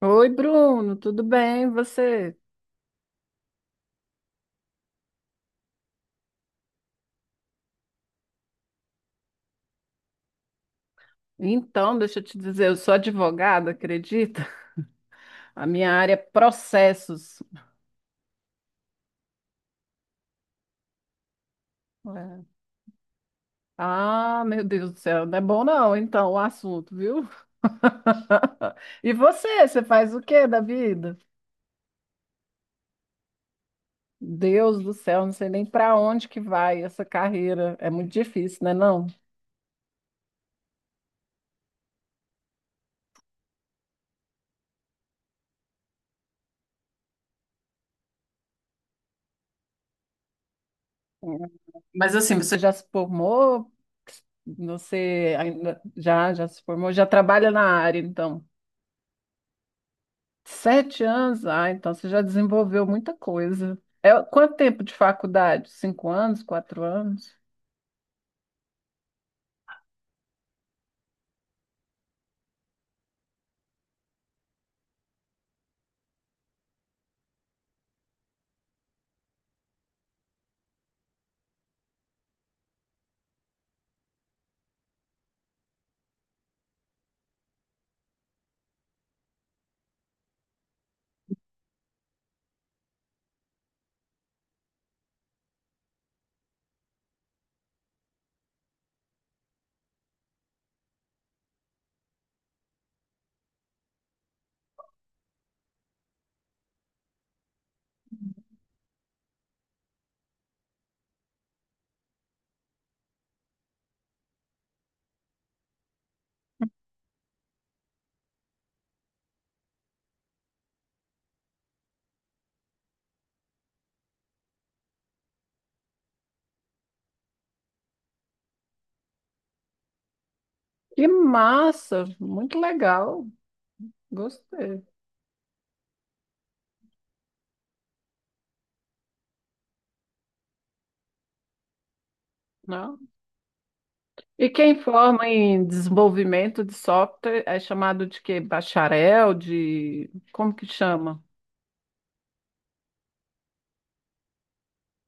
Oi, Bruno, tudo bem? E você? Então, deixa eu te dizer, eu sou advogada, acredita? A minha área é processos. É. Ah, meu Deus do céu, não é bom não, então, o assunto, viu? E você, você faz o quê da vida? Deus do céu, não sei nem para onde que vai essa carreira. É muito difícil, né, não? É. Mas assim, você já se formou? Você ainda já se formou? Já trabalha na área, então? 7 anos? Ah, então você já desenvolveu muita coisa. É, quanto tempo de faculdade? 5 anos, 4 anos? Que massa! Muito legal. Gostei. Não? E quem forma em desenvolvimento de software é chamado de quê? Bacharel? Como que chama?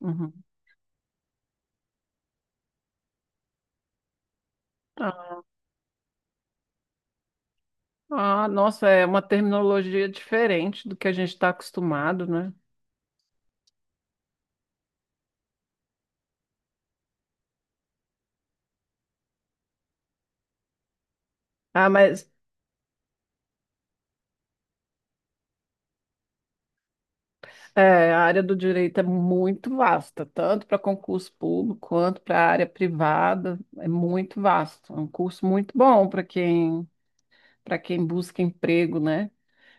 Uhum. Ah, ah, nossa, é uma terminologia diferente do que a gente está acostumado, né? Ah, mas É, a área do direito é muito vasta, tanto para concurso público quanto para a área privada, é muito vasto. É um curso muito bom para quem, busca emprego, né?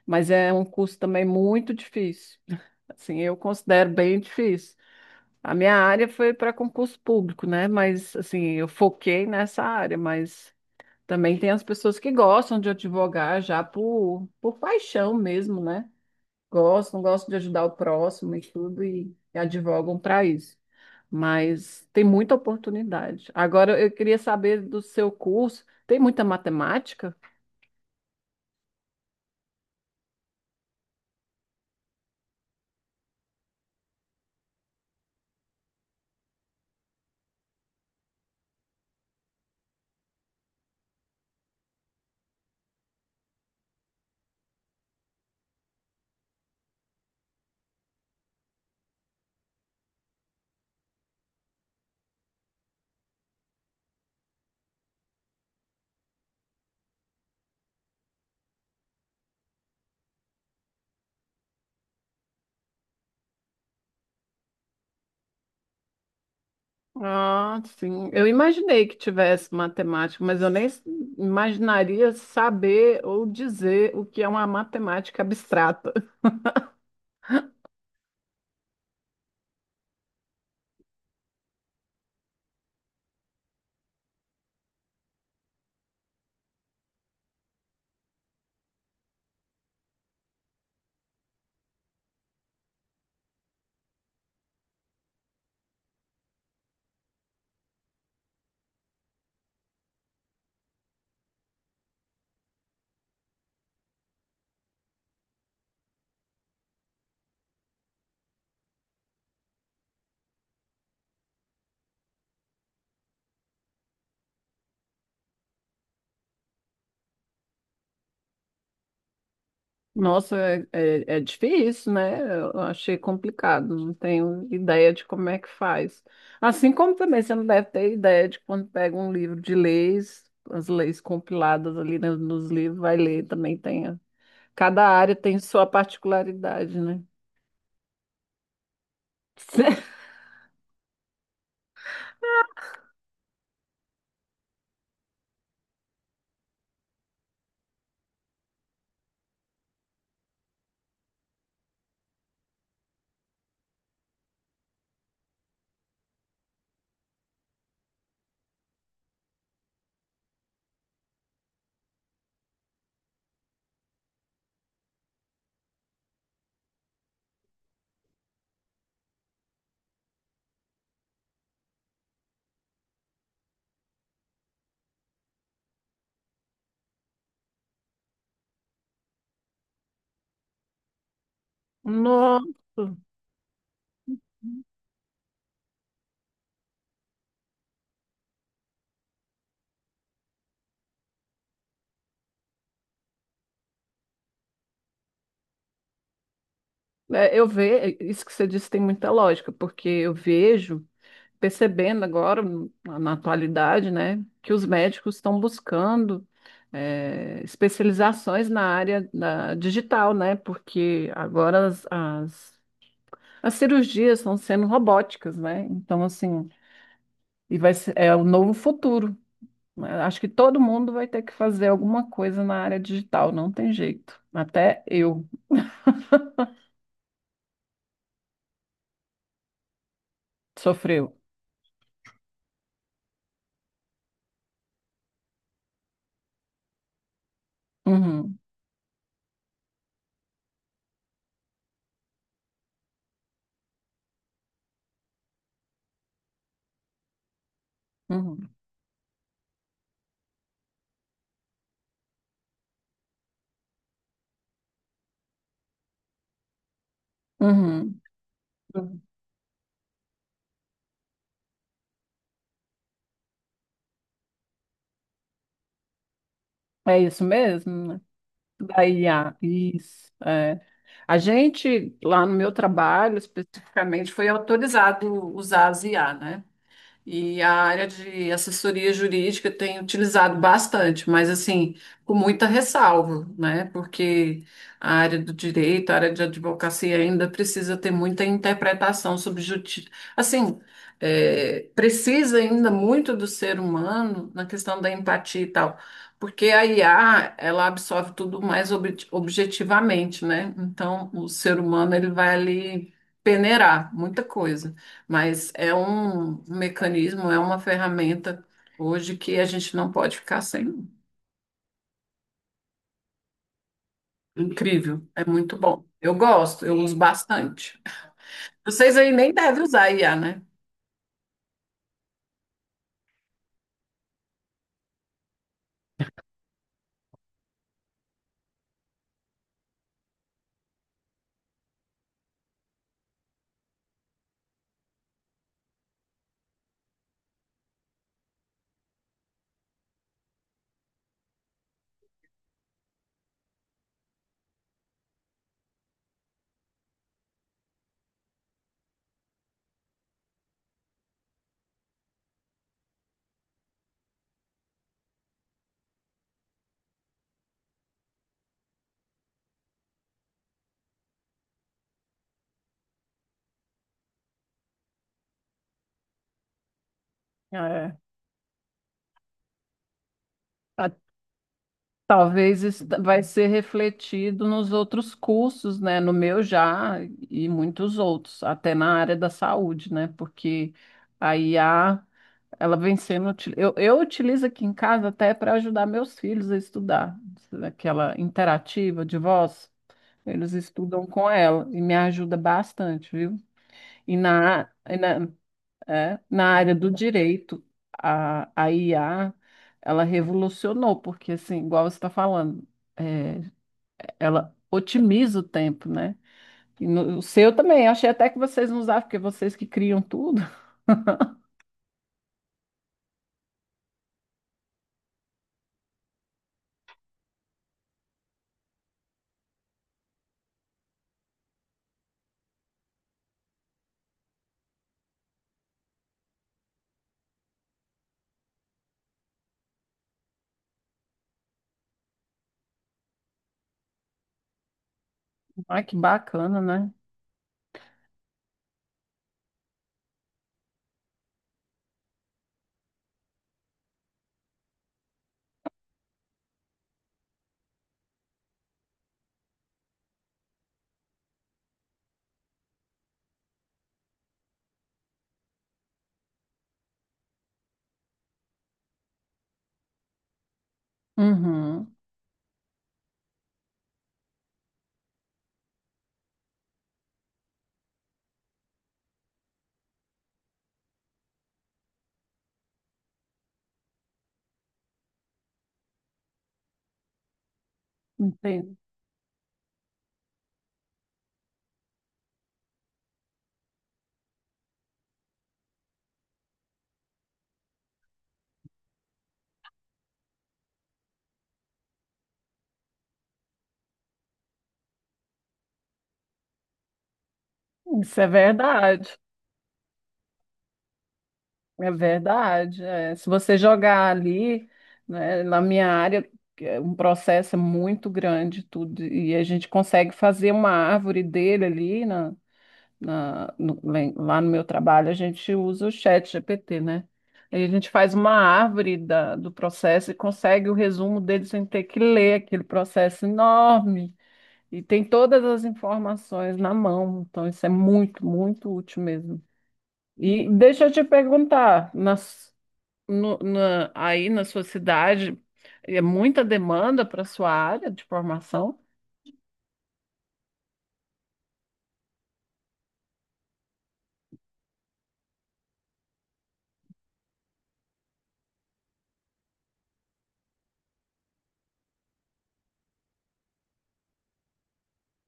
Mas é um curso também muito difícil. Assim, eu considero bem difícil. A minha área foi para concurso público, né? Mas assim, eu foquei nessa área, mas também tem as pessoas que gostam de advogar já por paixão mesmo, né? gostam, gostam de ajudar o próximo e tudo, e advogam para isso. Mas tem muita oportunidade. Agora, eu queria saber do seu curso, tem muita matemática? Ah, sim. Eu imaginei que tivesse matemática, mas eu nem imaginaria saber ou dizer o que é uma matemática abstrata. Nossa, é difícil, né? Eu achei complicado, não tenho ideia de como é que faz. Assim como também você não deve ter ideia de quando pega um livro de leis, as leis compiladas ali nos livros, vai ler também tem. Cada área tem sua particularidade, né? Nossa, é, eu vejo, isso que você disse tem muita lógica, porque eu vejo, percebendo agora, na atualidade, né, que os médicos estão buscando especializações na área da digital, né, porque agora as cirurgias estão sendo robóticas, né, então assim, e vai ser, é o novo futuro, né? Acho que todo mundo vai ter que fazer alguma coisa na área digital, não tem jeito. Até eu sofreu. Uhum, uhum, uhum. Uhum. É isso mesmo, né? Da I a isso, é. A gente, lá no meu trabalho, especificamente, foi autorizado usar as IA, né? E a área de assessoria jurídica tem utilizado bastante, mas assim, com muita ressalva, né? Porque a área do direito, a área de advocacia ainda precisa ter muita interpretação sobre justiça. Assim, precisa ainda muito do ser humano na questão da empatia e tal, porque a IA, ela absorve tudo mais objetivamente, né? Então, o ser humano, ele vai ali peneirar muita coisa. Mas é um mecanismo, é uma ferramenta hoje que a gente não pode ficar sem. Incrível, é muito bom. Eu gosto, eu uso bastante. Vocês aí nem devem usar IA, né? É, a- talvez isso vai ser refletido nos outros cursos, né? No meu já e muitos outros, até na área da saúde, né? Porque a IA ela vem sendo. Eu utilizo aqui em casa até para ajudar meus filhos a estudar. Aquela interativa de voz, eles estudam com ela e me ajuda bastante, viu? E na, e na, Na área do direito, a IA, ela revolucionou, porque, assim, igual você está falando, é, ela otimiza o tempo, né? E no, O seu também, achei até que vocês não usavam, porque vocês que criam tudo. Ah, que bacana, né? Uhum. Entendi. Isso é verdade, é verdade. É. Se você jogar ali, né, na minha área, é um processo muito grande tudo, e a gente consegue fazer uma árvore dele ali lá no meu trabalho, a gente usa o chat GPT, né? Aí a gente faz uma árvore do processo e consegue o resumo dele sem ter que ler aquele processo enorme. E tem todas as informações na mão, então isso é muito, muito útil mesmo. E deixa eu te perguntar, aí na sua cidade é muita demanda para sua área de formação?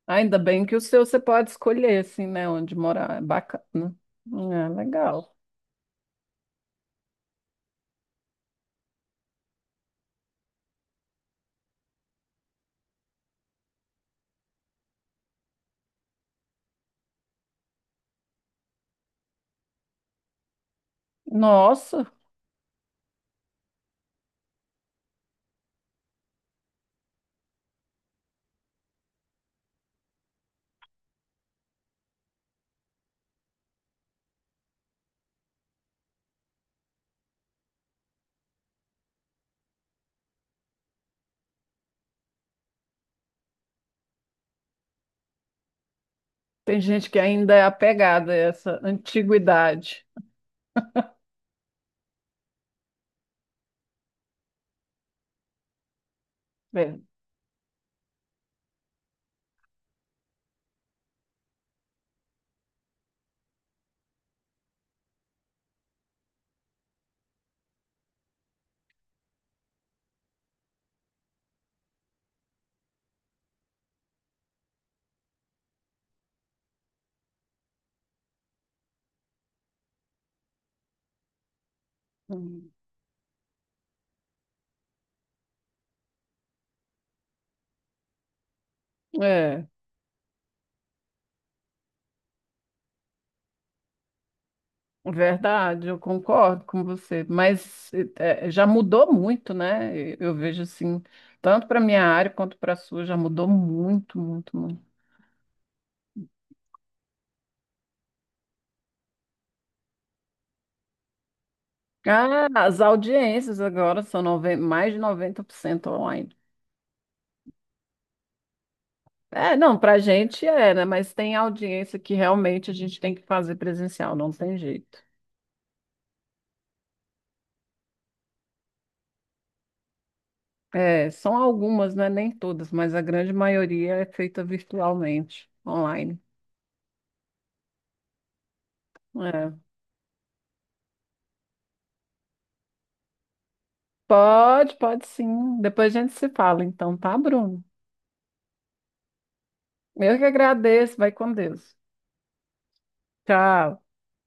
Ainda bem que o seu você pode escolher, assim, né, onde morar. É bacana. É legal. Nossa, tem gente que ainda é apegada a essa antiguidade. É. Hum. É. Verdade, eu concordo com você, mas já mudou muito, né? Eu vejo assim, tanto para minha área quanto para a sua, já mudou muito, muito, muito. Ah, as audiências agora são mais de 90% online. É, não, para a gente é, né? Mas tem audiência que realmente a gente tem que fazer presencial, não tem jeito. É, são algumas, né? Nem todas, mas a grande maioria é feita virtualmente, online. É. Pode, pode sim. Depois a gente se fala, então, tá, Bruno? Eu que agradeço. Vai com Deus. Tchau.